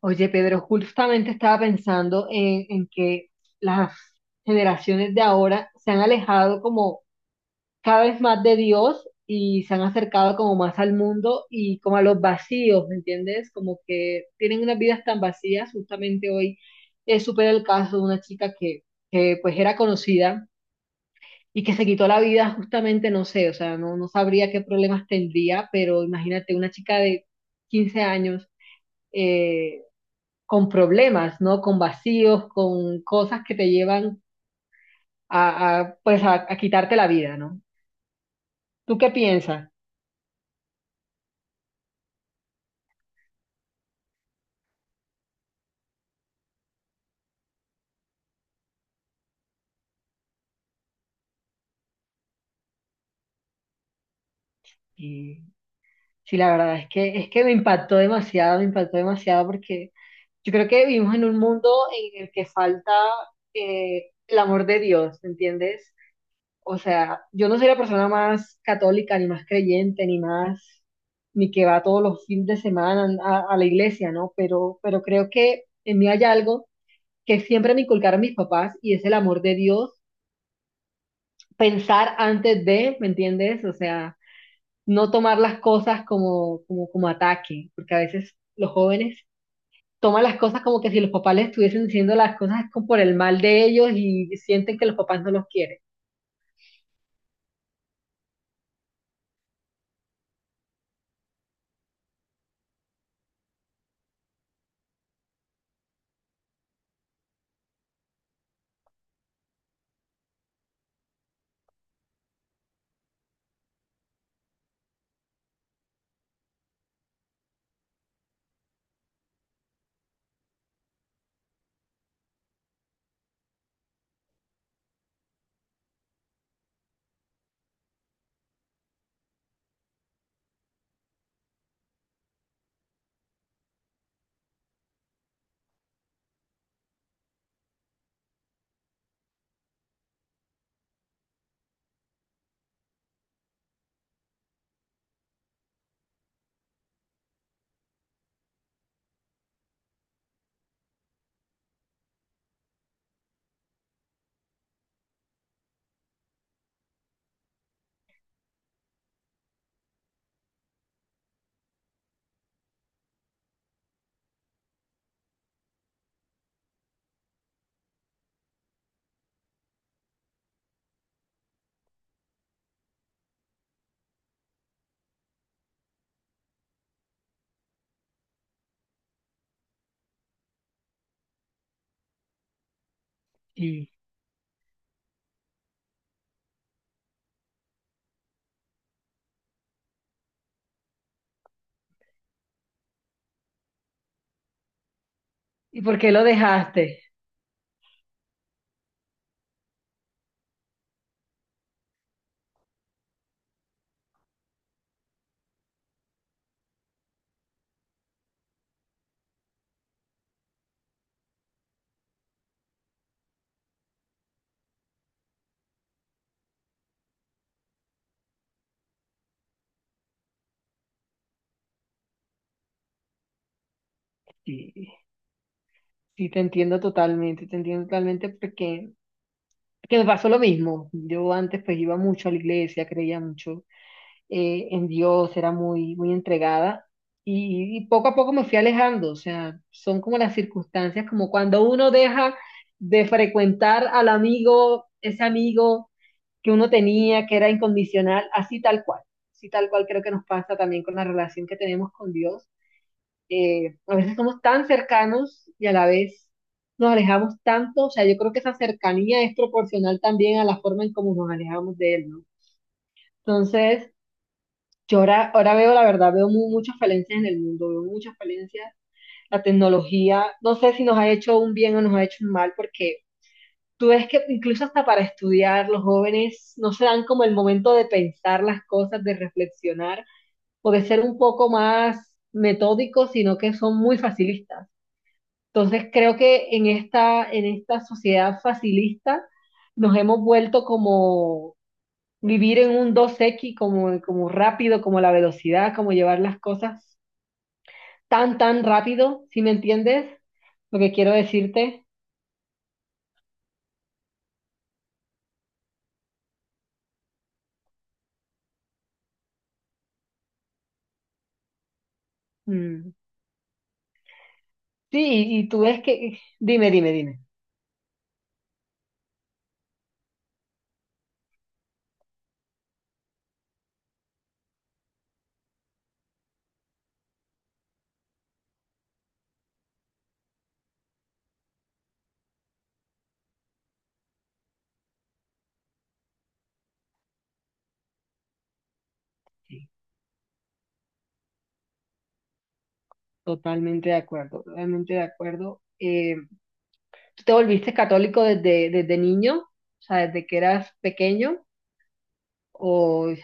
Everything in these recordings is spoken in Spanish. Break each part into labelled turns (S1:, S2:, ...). S1: Oye, Pedro, justamente estaba pensando en que las generaciones de ahora se han alejado como cada vez más de Dios y se han acercado como más al mundo y como a los vacíos, ¿me entiendes? Como que tienen unas vidas tan vacías. Justamente hoy supe el caso de una chica que pues era conocida y que se quitó la vida justamente, no sé, o sea, no sabría qué problemas tendría, pero imagínate una chica de 15 años eh, con problemas, ¿no? Con vacíos, con cosas que te llevan a quitarte la vida, ¿no? ¿Tú qué piensas? Y sí, la verdad es que me impactó demasiado porque yo creo que vivimos en un mundo en el que falta el amor de Dios, ¿entiendes? O sea, yo no soy la persona más católica, ni más creyente, ni que va todos los fines de semana a la iglesia, ¿no? Pero creo que en mí hay algo que siempre me inculcaron mis papás y es el amor de Dios, pensar antes de, ¿me entiendes? O sea, no tomar las cosas como ataque, porque a veces los jóvenes toman las cosas como que si los papás les estuviesen diciendo las cosas como por el mal de ellos y sienten que los papás no los quieren. ¿Y, ¿Y por qué lo dejaste? Sí, sí, te entiendo totalmente porque que me pasó lo mismo. Yo antes pues iba mucho a la iglesia, creía mucho en Dios, era muy entregada y poco a poco me fui alejando, o sea, son como las circunstancias, como cuando uno deja de frecuentar al amigo, ese amigo que uno tenía, que era incondicional, así tal cual creo que nos pasa también con la relación que tenemos con Dios. A veces somos tan cercanos y a la vez nos alejamos tanto, o sea, yo creo que esa cercanía es proporcional también a la forma en cómo nos alejamos de Él, ¿no? Entonces, ahora veo, la verdad, veo muchas falencias en el mundo, veo muchas falencias. La tecnología, no sé si nos ha hecho un bien o nos ha hecho un mal, porque tú ves que incluso hasta para estudiar, los jóvenes no se dan como el momento de pensar las cosas, de reflexionar o de ser un poco más metódicos, sino que son muy facilistas. Entonces creo que en esta sociedad facilista nos hemos vuelto como vivir en un dos x como rápido, como la velocidad, como llevar las cosas tan rápido, ¿si me entiendes? Lo que quiero decirte. Mm. Y tú ves que... Dime, dime, dime. Sí, totalmente de acuerdo, totalmente de acuerdo. ¿Tú te volviste católico desde niño? O sea, desde que eras pequeño. O...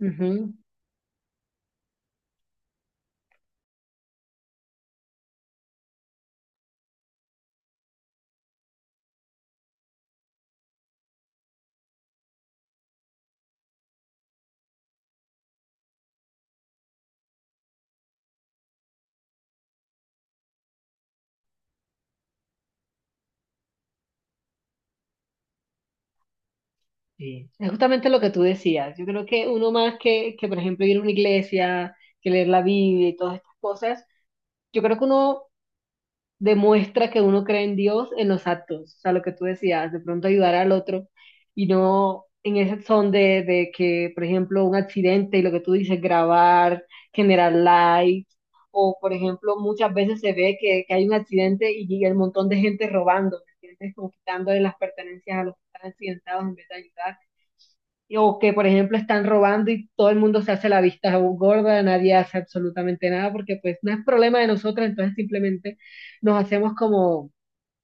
S1: Ujú, sí. Es justamente lo que tú decías. Yo creo que uno más por ejemplo, ir a una iglesia, que leer la Biblia y todas estas cosas, yo creo que uno demuestra que uno cree en Dios en los actos, o sea, lo que tú decías, de pronto ayudar al otro y no en ese son de que, por ejemplo, un accidente y lo que tú dices, grabar, generar likes, o por ejemplo, muchas veces se ve que hay un accidente y llega el montón de gente robando, ¿me entiendes? Como quitándole las pertenencias a los que están accidentados en vez de ayudar o que, por ejemplo, están robando y todo el mundo se hace la vista gorda, nadie hace absolutamente nada, porque pues no es problema de nosotros, entonces simplemente nos hacemos como,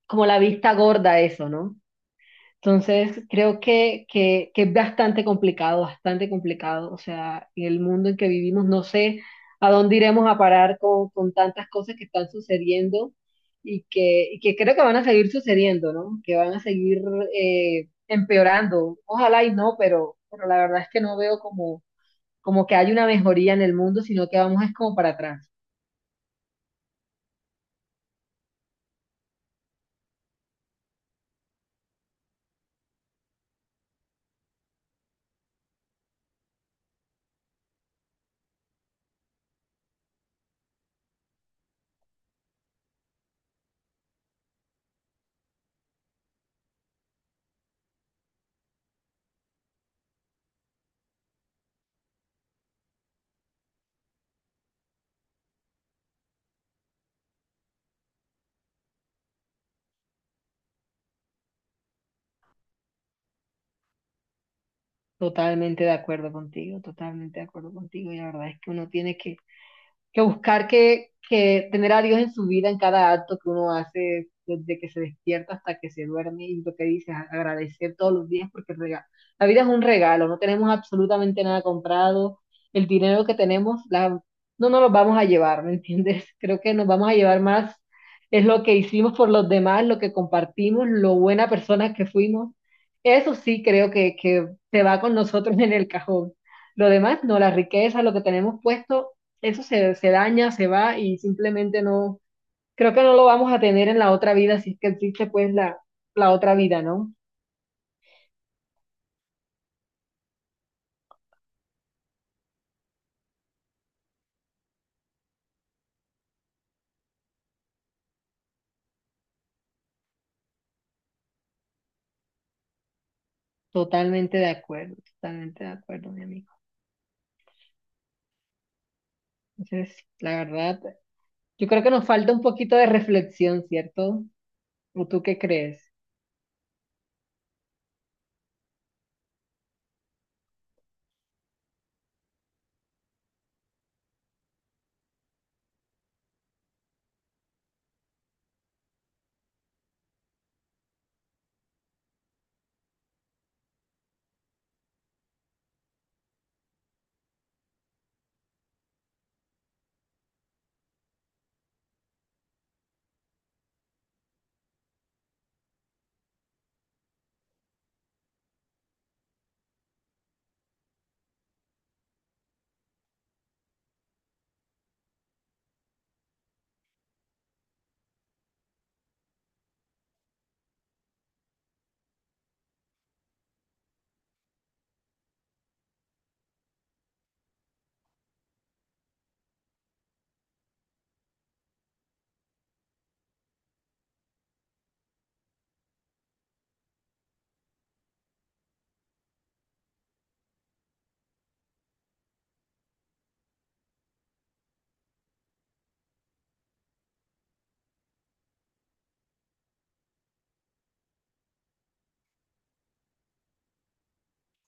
S1: como la vista gorda a eso, ¿no? Entonces, creo que es bastante complicado, bastante complicado. O sea, en el mundo en que vivimos, no sé a dónde iremos a parar con tantas cosas que están sucediendo y que creo que van a seguir sucediendo, ¿no? Que van a seguir empeorando. Ojalá y no, pero la verdad es que no veo como, como que hay una mejoría en el mundo, sino que vamos es como para atrás. Totalmente de acuerdo contigo, totalmente de acuerdo contigo. Y la verdad es que uno tiene que buscar que tener a Dios en su vida en cada acto que uno hace, desde que se despierta hasta que se duerme, y lo que dices, agradecer todos los días, porque la vida es un regalo, no tenemos absolutamente nada comprado, el dinero que tenemos la, no nos lo vamos a llevar, ¿me entiendes? Creo que nos vamos a llevar más, es lo que hicimos por los demás, lo que compartimos, lo buena persona que fuimos, eso sí creo que se va con nosotros en el cajón. Lo demás, no, la riqueza, lo que tenemos puesto, se daña, se va y simplemente no, creo que no lo vamos a tener en la otra vida, si es que existe la otra vida, ¿no? Totalmente de acuerdo, mi amigo. Entonces, la verdad, yo creo que nos falta un poquito de reflexión, ¿cierto? ¿O tú qué crees?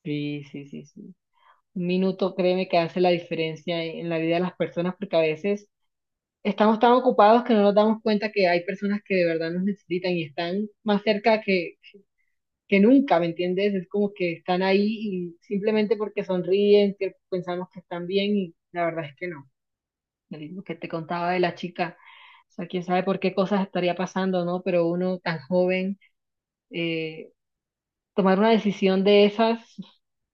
S1: Sí, sí, sí, sí. Un minuto, créeme que hace la diferencia en la vida de las personas porque a veces estamos tan ocupados que no nos damos cuenta que hay personas que de verdad nos necesitan y están más cerca que nunca, ¿me entiendes? Es como que están ahí y simplemente porque sonríen, que pensamos que están bien y la verdad es que no. Lo mismo que te contaba de la chica, o sea, quién sabe por qué cosas estaría pasando, ¿no? Pero uno tan joven, eh, tomar una decisión de esas,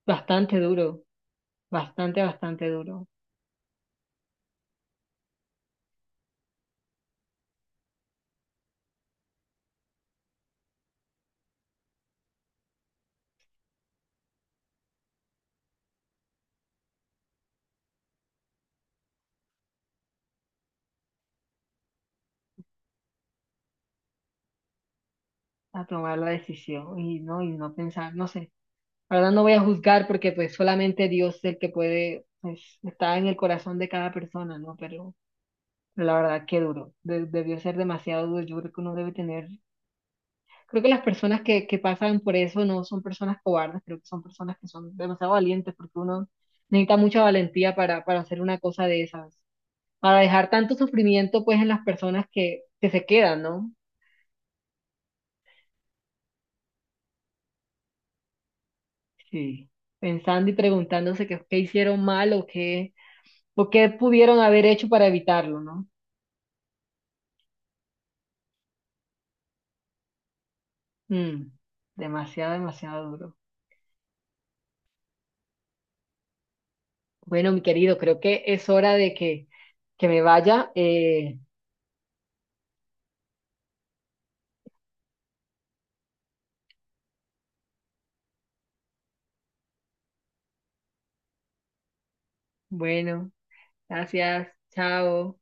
S1: bastante duro, bastante, bastante duro a tomar la decisión y no pensar, no sé. La verdad no voy a juzgar porque pues solamente Dios es el que puede, pues está en el corazón de cada persona, ¿no? Pero la verdad, qué duro. Debió ser demasiado duro. Yo creo que uno debe tener. Creo que las personas que pasan por eso no son personas cobardes, creo que son personas que son demasiado valientes, porque uno necesita mucha valentía para hacer una cosa de esas, para dejar tanto sufrimiento pues en las personas que se quedan, ¿no? Sí. Pensando y preguntándose qué hicieron mal o qué pudieron haber hecho para evitarlo, ¿no? Mm, demasiado, demasiado duro. Bueno, mi querido, creo que es hora que me vaya. Bueno, gracias. Chao.